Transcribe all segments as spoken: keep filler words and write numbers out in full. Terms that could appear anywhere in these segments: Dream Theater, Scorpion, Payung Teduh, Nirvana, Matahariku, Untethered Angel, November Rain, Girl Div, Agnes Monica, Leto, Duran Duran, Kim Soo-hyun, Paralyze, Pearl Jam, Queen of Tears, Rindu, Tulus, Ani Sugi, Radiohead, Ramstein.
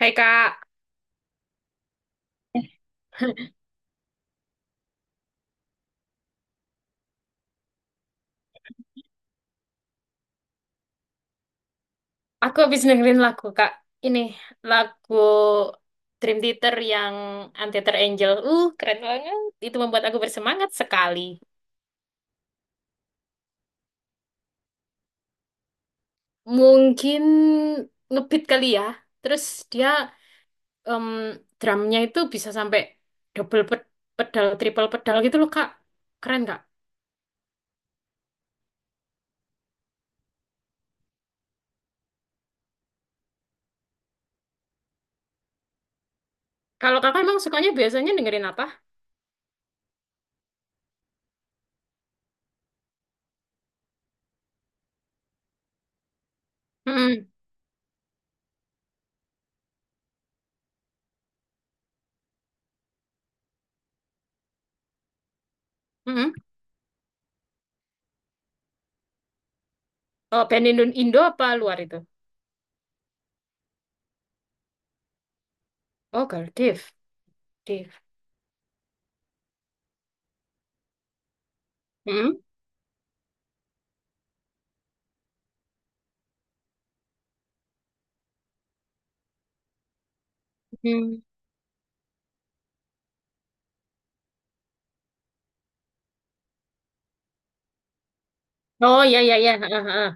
Hai Kak, aku habis dengerin lagu Kak. Ini lagu Dream Theater yang Untethered Angel. Uh, keren banget. Itu membuat aku bersemangat sekali. Mungkin ngebeat kali ya. Terus dia em, drumnya itu bisa sampai double pe- pedal, triple pedal gitu loh Kak. Keren Kak. Kalau Kakak emang sukanya biasanya dengerin apa? Mm-mm. Mm-mm. Oh, band Indo, Indo apa luar itu? Oh, Girl Div. Div. Mm-mm. Oh iya iya iya. Heeh, heeh.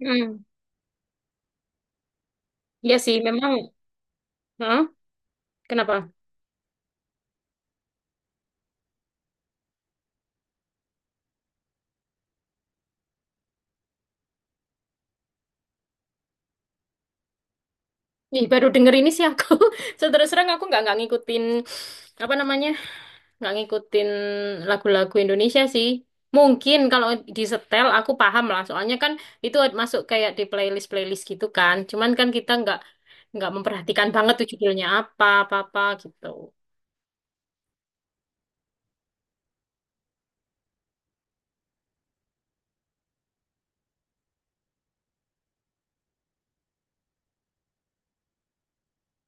Hmm. Iya sih memang. Heeh. Kenapa? Ih, baru denger ini sih aku. So, terus terang aku nggak nggak ngikutin apa namanya? Nggak ngikutin lagu-lagu Indonesia sih. Mungkin kalau di setel aku paham lah. Soalnya kan itu masuk kayak di playlist-playlist gitu kan. Cuman kan kita nggak nggak memperhatikan banget tuh judulnya apa apa-apa gitu.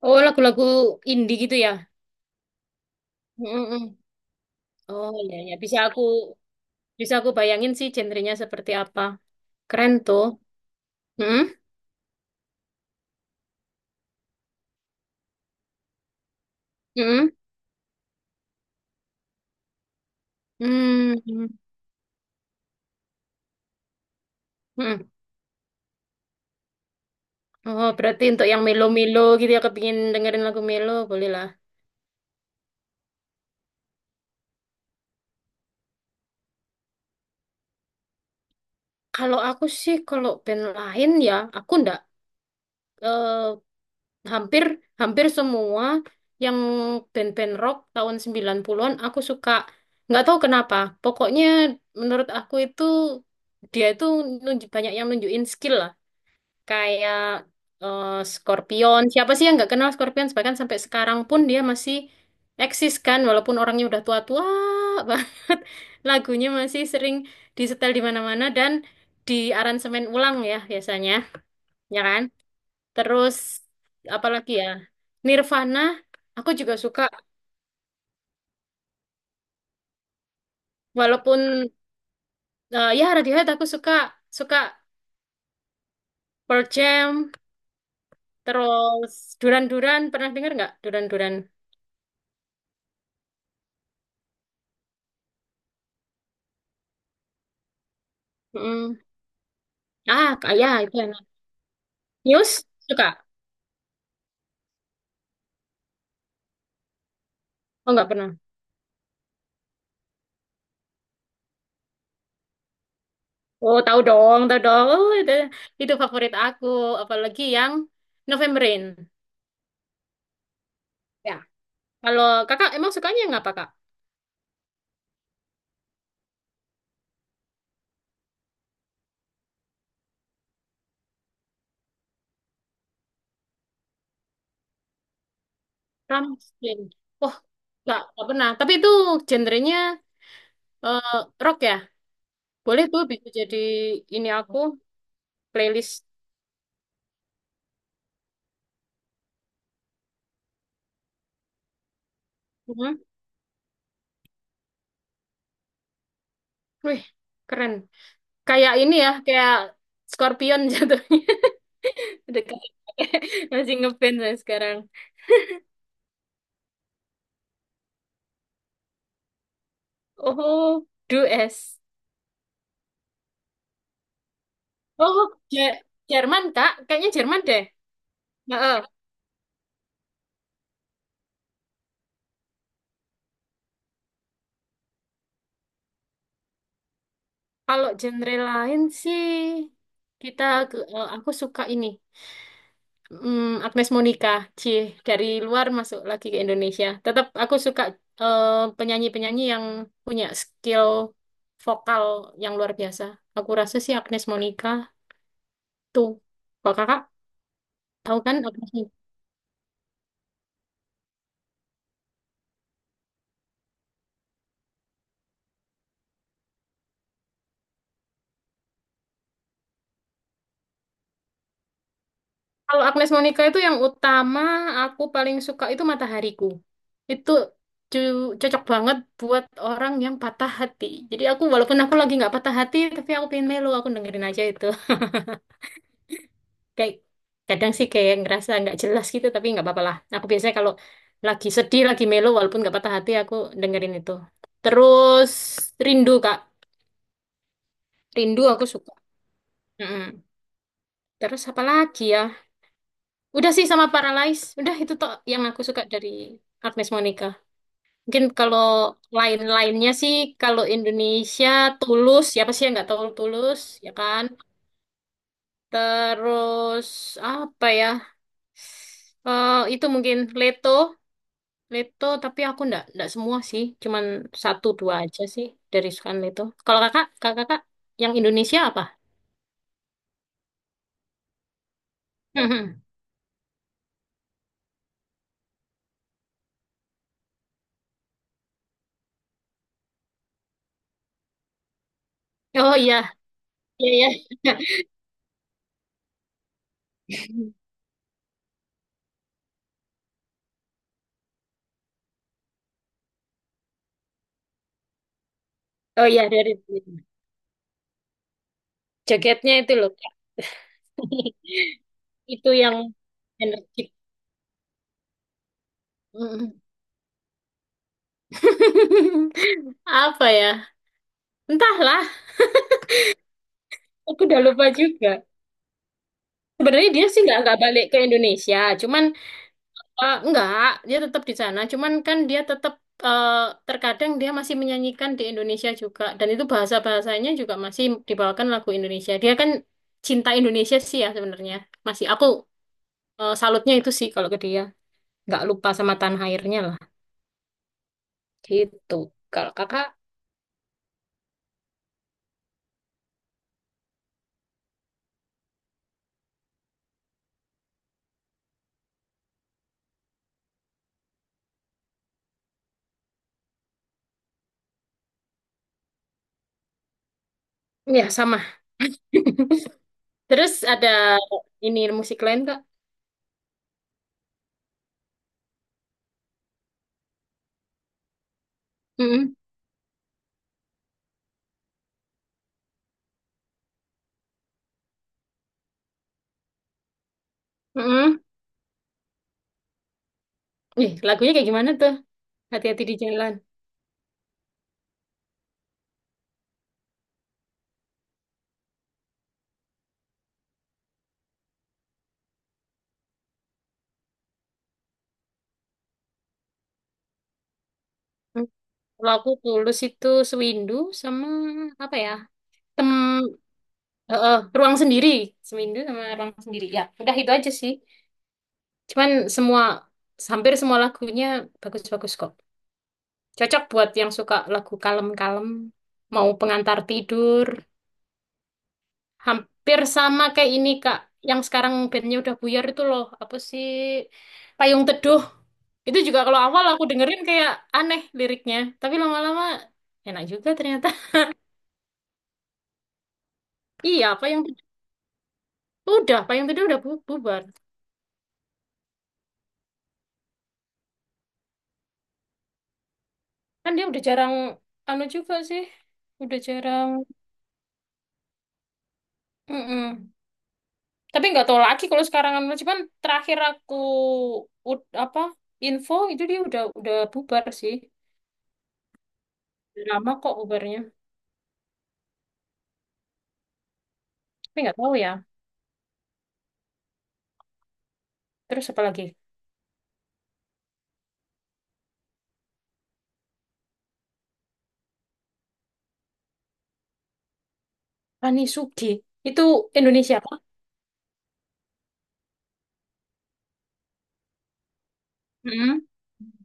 Oh, lagu-lagu indie gitu ya. Mm-mm. Oh iya iya bisa aku bisa aku bayangin sih genrenya seperti apa. Keren tuh. Mm-mm, mm-mm, mm, mm-mm. Oh, berarti untuk yang melo-melo gitu ya, kepingin dengerin lagu melo, boleh lah. Kalau aku sih, kalau band lain ya, aku ndak eh, hampir hampir semua yang band-band rock tahun sembilan puluh-an aku suka. Nggak tahu kenapa. Pokoknya menurut aku itu dia itu nunjuk, banyak yang nunjukin skill lah. Kayak eh, Scorpion. Siapa sih yang nggak kenal Scorpion? Bahkan sampai sekarang pun dia masih eksis kan, walaupun orangnya udah tua-tua banget. Lagunya masih sering disetel di mana-mana dan di aransemen ulang ya biasanya, ya kan? Terus apalagi ya? Nirvana, aku juga suka. Walaupun eh, ya Radiohead aku suka, suka Pearl Jam, terus Duran Duran, pernah dengar nggak Duran Duran? Mm. Ah, kayak itu. News suka? Oh nggak pernah. Oh tahu dong, tahu dong. Oh, itu itu favorit aku, apalagi yang November Rain. Ya. Kalau kakak emang sukanya yang apa kak? Ramstein. Oh nggak nggak pernah. Tapi itu genrenya eh, rock ya. Boleh tuh bisa jadi ini aku playlist. Mhm. Wih keren. Kayak ini ya, kayak Scorpion jatuhnya. Dekat. Masih ngeband saya sekarang. Oh, Dues. Oh, Je- Jerman, Kak. Kayaknya Jerman deh. Heeh. Kalau genre lain sih, kita ke, eh, aku suka ini. Mm, Agnes Monica, cie dari luar masuk lagi ke Indonesia. Tetap aku suka eh, penyanyi-penyanyi yang punya skill vokal yang luar biasa. Aku rasa sih Agnes Monica tuh. Kalau kakak tahu kan Agnes Monica? Kalau Agnes Monica itu yang utama aku paling suka itu Matahariku. Itu cu- cocok banget buat orang yang patah hati. Jadi aku walaupun aku lagi nggak patah hati, tapi aku pengen melo, aku dengerin aja itu. Kayak kadang sih kayak ngerasa nggak jelas gitu, tapi nggak apa-apa lah. Aku biasanya kalau lagi sedih, lagi melo, walaupun nggak patah hati, aku dengerin itu. Terus Rindu Kak, Rindu aku suka. Mm-mm. Terus apa lagi ya? Udah sih sama Paralyze. Udah itu toh yang aku suka dari Agnes Monica. Mungkin kalau lain-lainnya sih, kalau Indonesia Tulus, siapa sih yang nggak tahu Tulus, ya kan? Terus apa ya? Eh itu mungkin Leto, Leto. Tapi aku nggak nggak semua sih, cuman satu dua aja sih dari sukan Leto. Kalau kakak, kakak, kakak yang Indonesia apa? Mhm. Oh iya, iya iya. Oh iya dari jaketnya itu loh. Kak. Itu yang energi. Mhm. Apa ya? Entahlah, aku udah lupa juga. Sebenarnya dia sih nggak nggak balik ke Indonesia, cuman eh, nggak dia tetap di sana. Cuman kan dia tetap eh, terkadang dia masih menyanyikan di Indonesia juga, dan itu bahasa bahasanya juga masih dibawakan lagu Indonesia. Dia kan cinta Indonesia sih ya sebenarnya. Masih aku eh, salutnya itu sih kalau ke dia, nggak lupa sama tanah airnya lah. Gitu. Kalau kakak ya sama. Terus ada ini musik lain kak? Mm-mm. Mm-mm. Ih, lagunya kayak gimana tuh? Hati-hati di jalan. Hmm. Kalau aku tulus itu sewindu sama apa ya? Tem eh, eh, ruang sendiri. Sewindu sama ruang sendiri. Ya, udah itu aja sih. Cuman semua hampir semua lagunya bagus-bagus kok. Cocok buat yang suka lagu kalem-kalem, mau pengantar tidur. Hampir sama kayak ini, Kak. Yang sekarang bandnya udah buyar itu loh. Apa sih? Payung Teduh. Itu juga kalau awal aku dengerin kayak aneh liriknya, tapi lama-lama enak juga ternyata. Iya, Payung Teduh. Udah, Payung Teduh udah bu- bubar. Kan dia udah jarang anu juga sih. Udah jarang. Mm-mm. Tapi nggak tahu lagi kalau sekarang anu cuman terakhir aku ud- apa info itu dia udah udah bubar sih. Udah Lama kok bubarnya. Tapi nggak tahu ya. Terus apa lagi? Ani Sugi. Itu Indonesia apa? Mm-mm.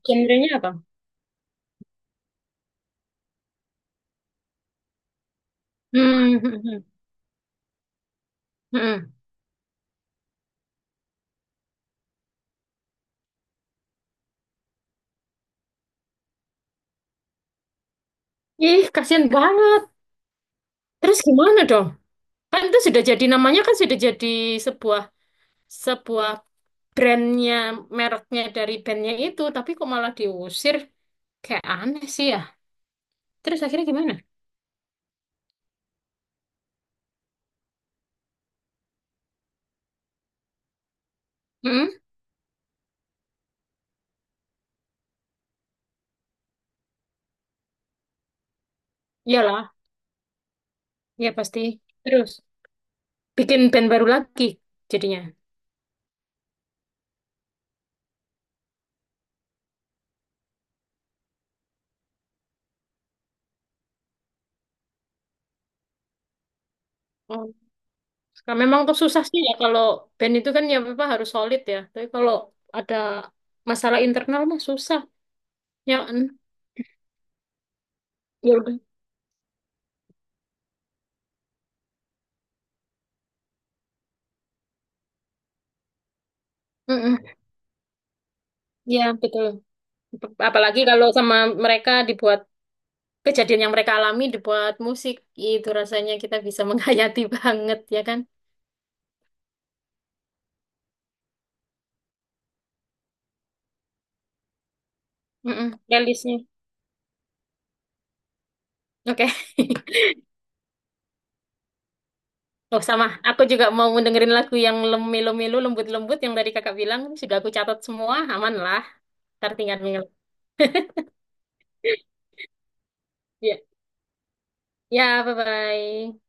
Genrenya apa? Hmm. Hmm. Hmm, hmm. Ih, kasihan banget. Terus gimana dong? Kan itu sudah jadi namanya kan sudah jadi sebuah sebuah brandnya, mereknya dari bandnya itu, tapi kok malah diusir? Kayak aneh sih ya. Terus akhirnya gimana? Hmm? Iyalah, ya pasti. Terus bikin band baru lagi jadinya. Oh. Nah, memang tuh susah sih ya kalau band itu kan ya apa harus solid ya. Tapi kalau ada masalah internal mah susah. Ya, kan? Ya udah. Mm-mm. Ya betul. Apalagi kalau sama mereka dibuat kejadian yang mereka alami dibuat musik itu rasanya kita bisa menghayati banget ya kan. Mm-mm, playlistnya oke. Oh sama aku juga mau dengerin lagu yang lemilu-milu lembut-lembut yang dari kakak bilang juga aku catat semua aman lah, ntar tinggal tinggal. Ya, ya, bye bye.